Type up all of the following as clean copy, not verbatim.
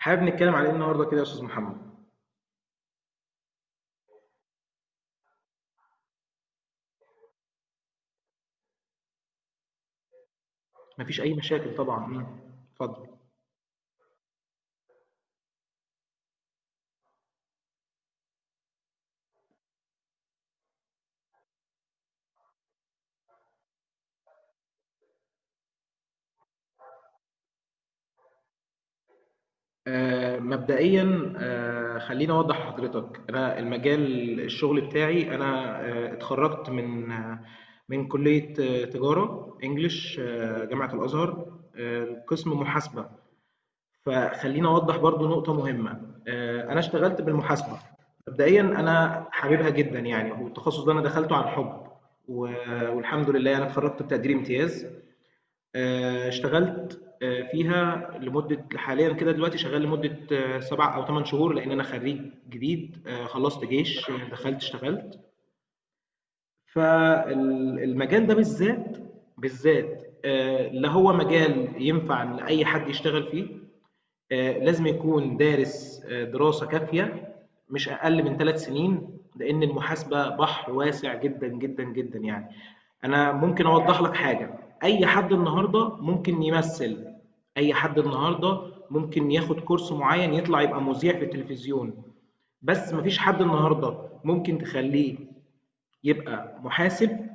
حابب نتكلم على ايه النهارده كده يا استاذ محمد. مفيش اي مشاكل طبعا. اتفضل. مبدئيا، خليني اوضح لحضرتك. انا المجال الشغل بتاعي انا، اتخرجت من من كلية تجارة انجليش، جامعة الازهر، قسم محاسبة. فخليني اوضح برضو نقطة مهمة. انا اشتغلت بالمحاسبة مبدئيا، انا حاببها جدا يعني، والتخصص ده انا دخلته عن حب. والحمد لله انا اتخرجت بتقدير امتياز. اشتغلت فيها لمدة، حاليا كده دلوقتي شغال لمدة سبع أو ثمان شهور، لأن أنا خريج جديد. خلصت جيش، دخلت اشتغلت فالمجال ده بالذات. بالذات لا هو مجال ينفع لأي حد يشتغل فيه. لازم يكون دارس دراسه كافيه، مش اقل من ثلاث سنين، لان المحاسبه بحر واسع جدا جدا جدا يعني. انا ممكن اوضح لك حاجه. اي حد النهارده ممكن يمثل. اي حد النهارده ممكن ياخد كورس معين يطلع يبقى مذيع في التلفزيون، بس مفيش حد النهارده ممكن تخليه يبقى محاسب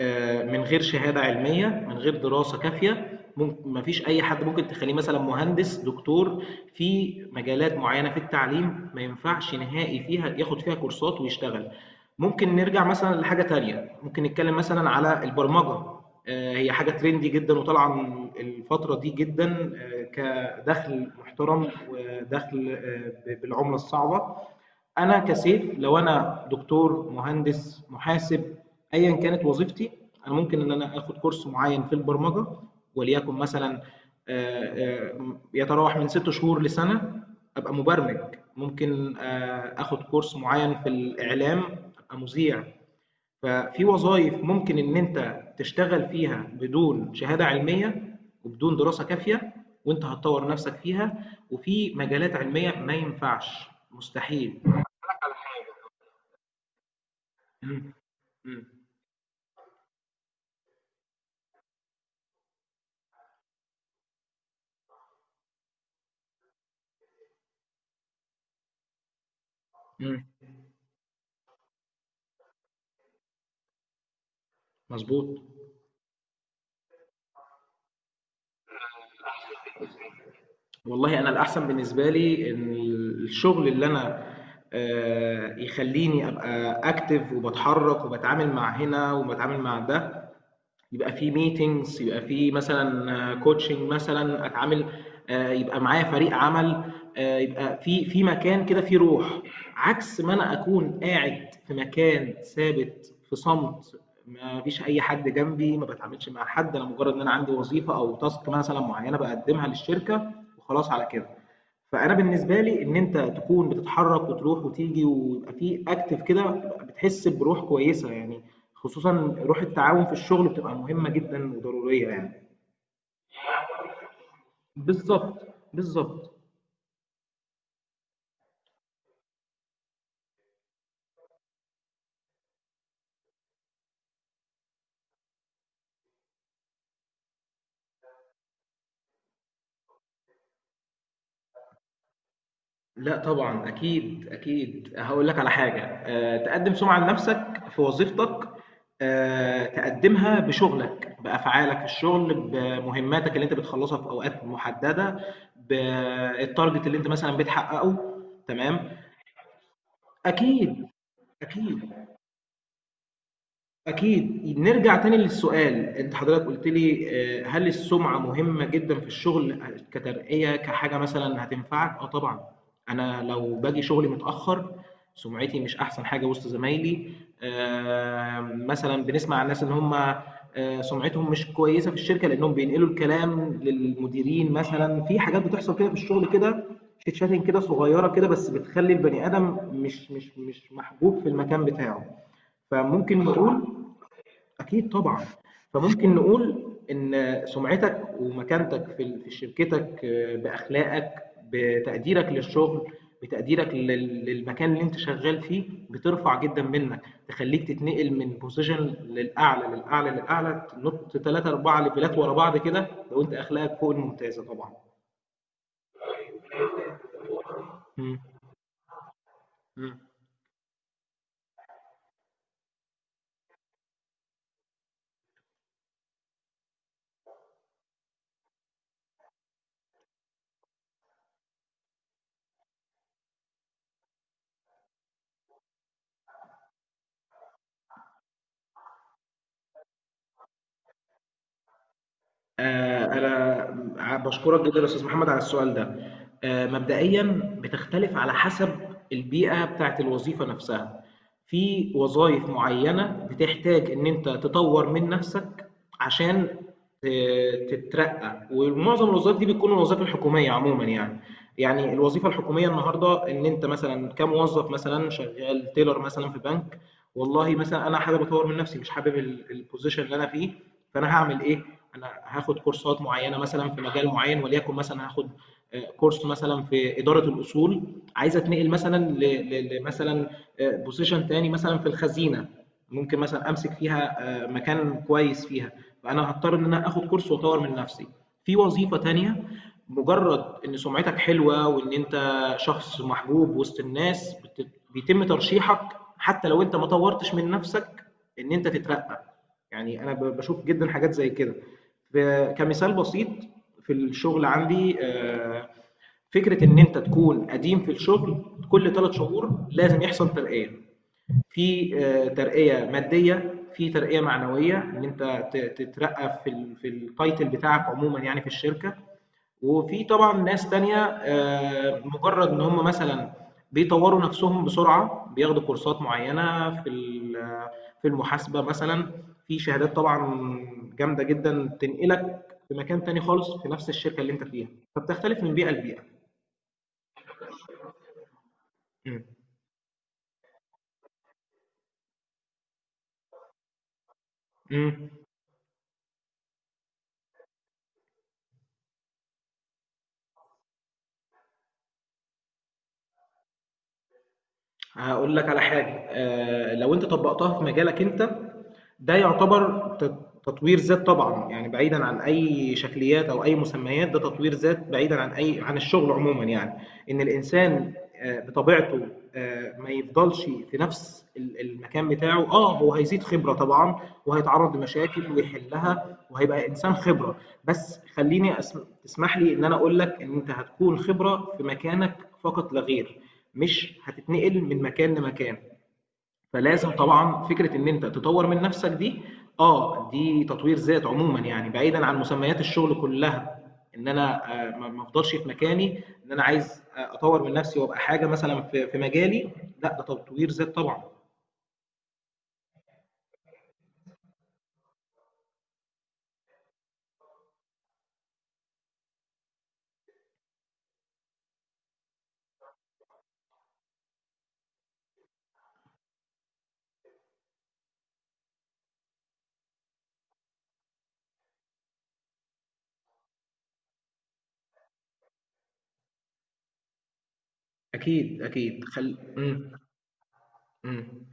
من غير شهاده علميه، من غير دراسه كافيه. ممكن ما فيش اي حد ممكن تخليه مثلا مهندس دكتور. في مجالات معينه في التعليم ما ينفعش نهائي فيها ياخد فيها كورسات ويشتغل. ممكن نرجع مثلا لحاجه تانية، ممكن نتكلم مثلا على البرمجه. هي حاجه ترندي جدا وطالعه الفتره دي جدا، كدخل محترم ودخل بالعمله الصعبه. انا كسيف، لو انا دكتور مهندس محاسب ايا كانت وظيفتي، انا ممكن ان انا اخد كورس معين في البرمجه، وليكن مثلا يتراوح من ست شهور لسنه، ابقى مبرمج. ممكن اخد كورس معين في الاعلام، ابقى مذيع. ففي وظائف ممكن ان انت تشتغل فيها بدون شهاده علميه وبدون دراسه كافيه، وانت هتطور نفسك فيها، وفي مجالات علميه ما ينفعش، مستحيل. إمم، إمم، مضبوط. والله أنا الأحسن بالنسبة لي إن الشغل اللي أنا يخلّيني أبقى active، وباتحرك وباتعامل مع هنا وباتعامل مع ده، يبقى في meetings، يبقى في مثلًا coaching مثلًا أتعامل، يبقى معايا فريق عمل، يبقى في مكان كده فيه روح، عكس ما أنا أكون قاعد في مكان ثابت في صمت، ما فيش أي حد جنبي، ما باتعاملش مع حد، أنا مجرد إن أنا عندي وظيفة أو task مثلًا معينة باقدمها للشركة وخلاص على كده. فانا بالنسبه لي ان انت تكون بتتحرك وتروح وتيجي ويبقى في اكتف كده، بتحس بروح كويسه يعني. خصوصا روح التعاون في الشغل بتبقى مهمه جدا وضروريه يعني. بالظبط بالظبط. لا طبعا، اكيد اكيد. هقول لك على حاجه، أه، تقدم سمعه لنفسك في وظيفتك. أه تقدمها بشغلك، بافعالك في الشغل، بمهماتك اللي انت بتخلصها في اوقات محدده، بالتارجت اللي انت مثلا بتحققه. تمام، اكيد. أكيد، أكيد. نرجع تاني للسؤال، أنت حضرتك قُلت لي هل السُمعة مهمة جدًا في الشغل كترقية، كحاجة مثلًا هتنفعك؟ آه طبعًا. أنا لو باجي شغلي متأخّر، سُمعتي مش أحسن حاجة وسط زمايلي. مثلًا بنسمع عن الناس إن هم سُمعتهم مش كويسة في الشركة لإنّهم بينقلوا الكلام للمديرين مثلًا. في حاجات بتحصل كده في الشغل كده، chit chatting كده صغيّرة كده، بس بتخلّي البني آدم مش محبوب في المكان بتاعه. فممكن نقول، اكيد طبعا. فممكن نقول ان سمعتك ومكانتك في شركتك، باخلاقك، بتقديرك للشغل، بتقديرك للمكان اللي انت شغال فيه، بترفع جدا منك، تخليك تتنقل من بوزيشن للاعلى، تنط 3 4 ليفلات ورا بعض كده، لو انت اخلاقك فوق الممتازه طبعا. مم. مم. أنا بشكرك جدا يا أستاذ محمد على السؤال ده. مبدئيا بتختلف على حسب البيئة بتاعت الوظيفة نفسها. في وظائف معينة بتحتاج إن أنت تطور من نفسك عشان تترقى، ومعظم الوظائف دي بتكون الوظائف الحكومية عموما يعني. يعني الوظيفة الحكومية النهاردة، إن أنت مثلا كموظف مثلا شغال تيلر مثلا في بنك، والله مثلا أنا حابب أطور من نفسي، مش حابب البوزيشن اللي أنا فيه، فأنا هعمل إيه؟ انا هاخد كورسات معينه مثلا في مجال معين، وليكن مثلا هاخد كورس مثلا في اداره الاصول. عايز اتنقل مثلا لمثلا بوزيشن تاني مثلا في الخزينه، ممكن مثلا امسك فيها مكان كويس فيها. فانا هضطر ان انا اخد كورس واطور من نفسي في وظيفه تانيه. مجرد ان سمعتك حلوه وان انت شخص محبوب وسط الناس، بيتم ترشيحك حتى لو انت ما طورتش من نفسك، ان انت تترقى. يعني انا بشوف جدا حاجات زي كده. كمثال بسيط، في الشغل عندي فكره ان انت تكون قديم في الشغل، كل ثلاث شهور لازم يحصل ترقيه، في ترقيه ماديه، في ترقيه معنويه، ان انت تترقى في في التايتل بتاعك عموما يعني في الشركه. وفي طبعًا ناس تانية مجرّد إن هم مثلًا بيطوّروا نَفْسهم بسرعة، بياخدوا كورسات معيّنة في في المحاسبة مثلًا، في شهادات طبعًا جامدة جدًا تنقلك في مكان تاني خالص في نَفْس الشركة اللي أنت فيها. فبتختلف من بيئة لبيئة. إمم. إمم. هاقول لك على حاجة، لو أنت طبّقتها في مجالك أنت، ده يعتبر تطوير ذات طبعًا. يعني بعيدًا عن أي شكليات أو أي مسميات، ده تطوير ذات بعيدًا عن أي، عن الشغل عمومًا يعني. إن الإنسان بطبيعته ما يفضلش في نفس المكان بتاعه، آه هو هيزيد خبرة طبعًا، وهيتعرّض لمشاكل ويحلّها، وهيبقى إنسان خبرة. بس خلّيني أس تسمح لي إن أنا أقول لك إن أنت هتكون خبرة في مكانك فقط لا غير. مش هتتنقل من مكان لمكان. فلازم طبعا فكره ان انت تطور من نفسك دي، اه دي تطوير ذات عموما يعني، بعيدا عن مسميات الشغل كلها. ان انا ما ما افضلش في مكاني، ان انا عايز اطور من نفسي وابقى حاجه مثلا في في مجالي، لا ده تطوير ذات طبعا. اكيد اكيد مم.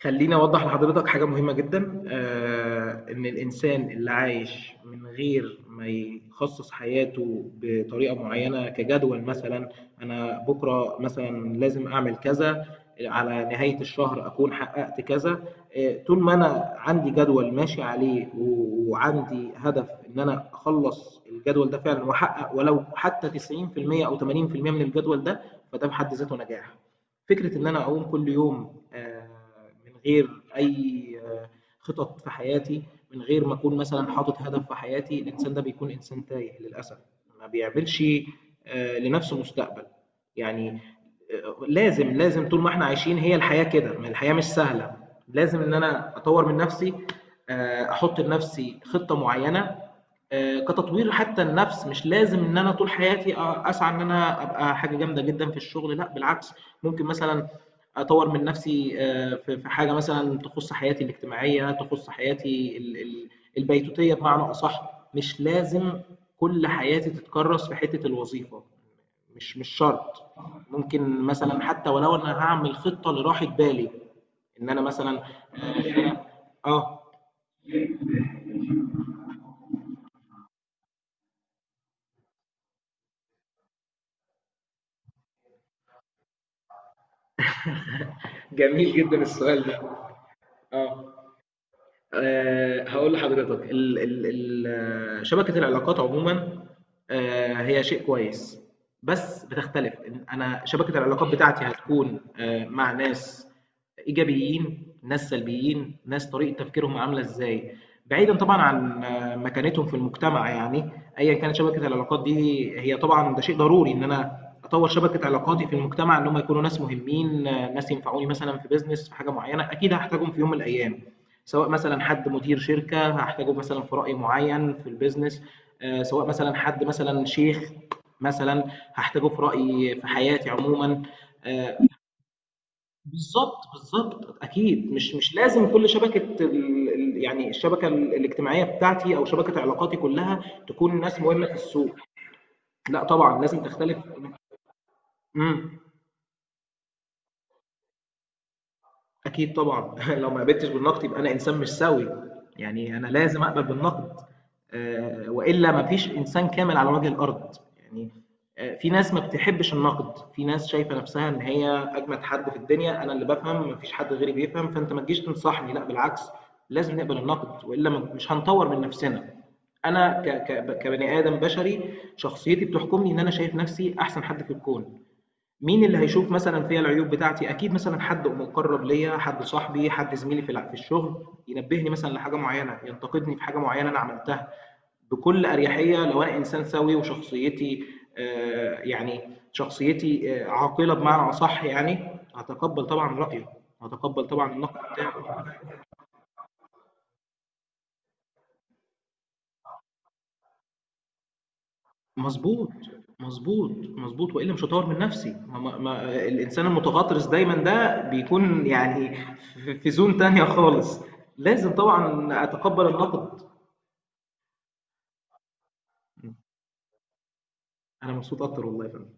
خليني اوضح لحضرتك حاجه مهمه جدا. ان الانسان اللي عايش من غير ما يخصص حياته بطريقه معينه كجدول مثلا، انا بكره مثلا لازم اعمل كذا، على نهايه الشهر اكون حققت كذا. طول ما انا عندي جدول ماشي عليه وعندي هدف ان انا اخلص الجدول ده فعلا، واحقق ولو حتى 90% او 80% من الجدول ده، فده بحد ذاته نجاح. فكرة إن أنا أقوم كل يوم من غير أي خطط في حياتي، من غير ما أكون مثلًا حاطط هدف في حياتي، الإنسان ده بيكون إنسان تايه للأسف. ما بيعملش لنفسه مستقبل. يعني لازم، لازم طول ما إحنا عايشين، هي الحياة كده، ما الحياة مش سهلة. لازم إن أنا أطور من نفسي، أحط لنفسي خطة معينة كتطوير. حتى النفس مش لازم ان انا طول حياتي اسعى ان انا ابقى حاجه جامده جدا في الشغل، لا بالعكس. ممكن مثلا اطور من نفسي في في حاجه مثلا تخص حياتي الاجتماعيه، تخص حياتي البيتوتيه بمعنى اصح. مش لازم كل حياتي تتكرس في حته الوظيفه، مش مش شرط. ممكن مثلا حتى ولو انا هعمل خطه لراحه بالي، ان انا مثلا اه. جميل جدا السؤال ده. اه، هقول لحضرتك ال ال ال شبكة العلاقات عموما، هي شيء كويس، بس بتختلف. انا شبكة العلاقات بتاعتي هتكون مع ناس ايجابيين، ناس سلبيين، ناس طريقه تفكيرهم عامله ازاي، بعيدا طبعا عن مكانتهم في المجتمع يعني. ايا كانت شبكه العلاقات دي، هي طبعا ده شيء ضروري ان انا اطور شبكه علاقاتي في المجتمع، ان هم يكونوا ناس مهمين، ناس ينفعوني مثلا في بيزنس، في حاجه معينه اكيد هحتاجهم في يوم من الايام. سواء مثلا حد مدير شركه هحتاجه مثلا في راي معين في البيزنس، سواء مثلا حد مثلا شيخ مثلا هحتاجه في راي في حياتي عموما. آه، بالظبط بالظبط. اكيد مش مش لازم كل شبكه يعني الشبكه الاجتماعيه بتاعتي او شبكه علاقاتي كلها تكون ناس مهمه في السوق. لا طبعا لازم تختلف. امم أكيد طبعًا لو ما قبلتش بالنقد يبقى أنا إنسان مش سوي. يعني أنا لازم أقبل بالنقد، وإلا ما فيش إنسان كامل على وجه الأرض. يعني في ناس ما بتحبش النقد، في ناس شايفة نفسها إن هي أجمد حد في الدنيا، أنا اللي بافهم ما فيش حد غيري بيفهم، فأنت ما تجيش تنصحني، لأ بالعكس، لازم نقبل النقد، وإلا مش هنطوّر من نفسنا. أنا ك ك كبني آدم بشري شخصيتي بتحكمني إن أنا شايف نفسي أحسن حد في الكون. مين اللي هيشوف مثلًا فيّا العيوب بتاعتي؟ أكيد مثلًا حد مُقرّب ليّا، حد صاحبي، حد زميلي في في الشغل، ينبّهني مثلًا لحاجة معيّنة، ينتقدني في حاجة معيّنة أنا عملتها بكل أريحية لو أنا إنسان سوي وشخصيتي يعني شخصيتي عاقلة بمعنى أصح يعني، هاتقبّل طبعًا رأيه، هاتقبّل طبعًا النقد بتاعه. مضبوط، مضبوط، مضبوط، وإلا مش هاطوّر من نفسي. ما ما ما الإنسان المتغطرس دايمًا ده بيكون يعني في في zone تانية خالص. لازم طبعًا أتقبّل النقد. أنا مبسوط أكتر والله يا فندم.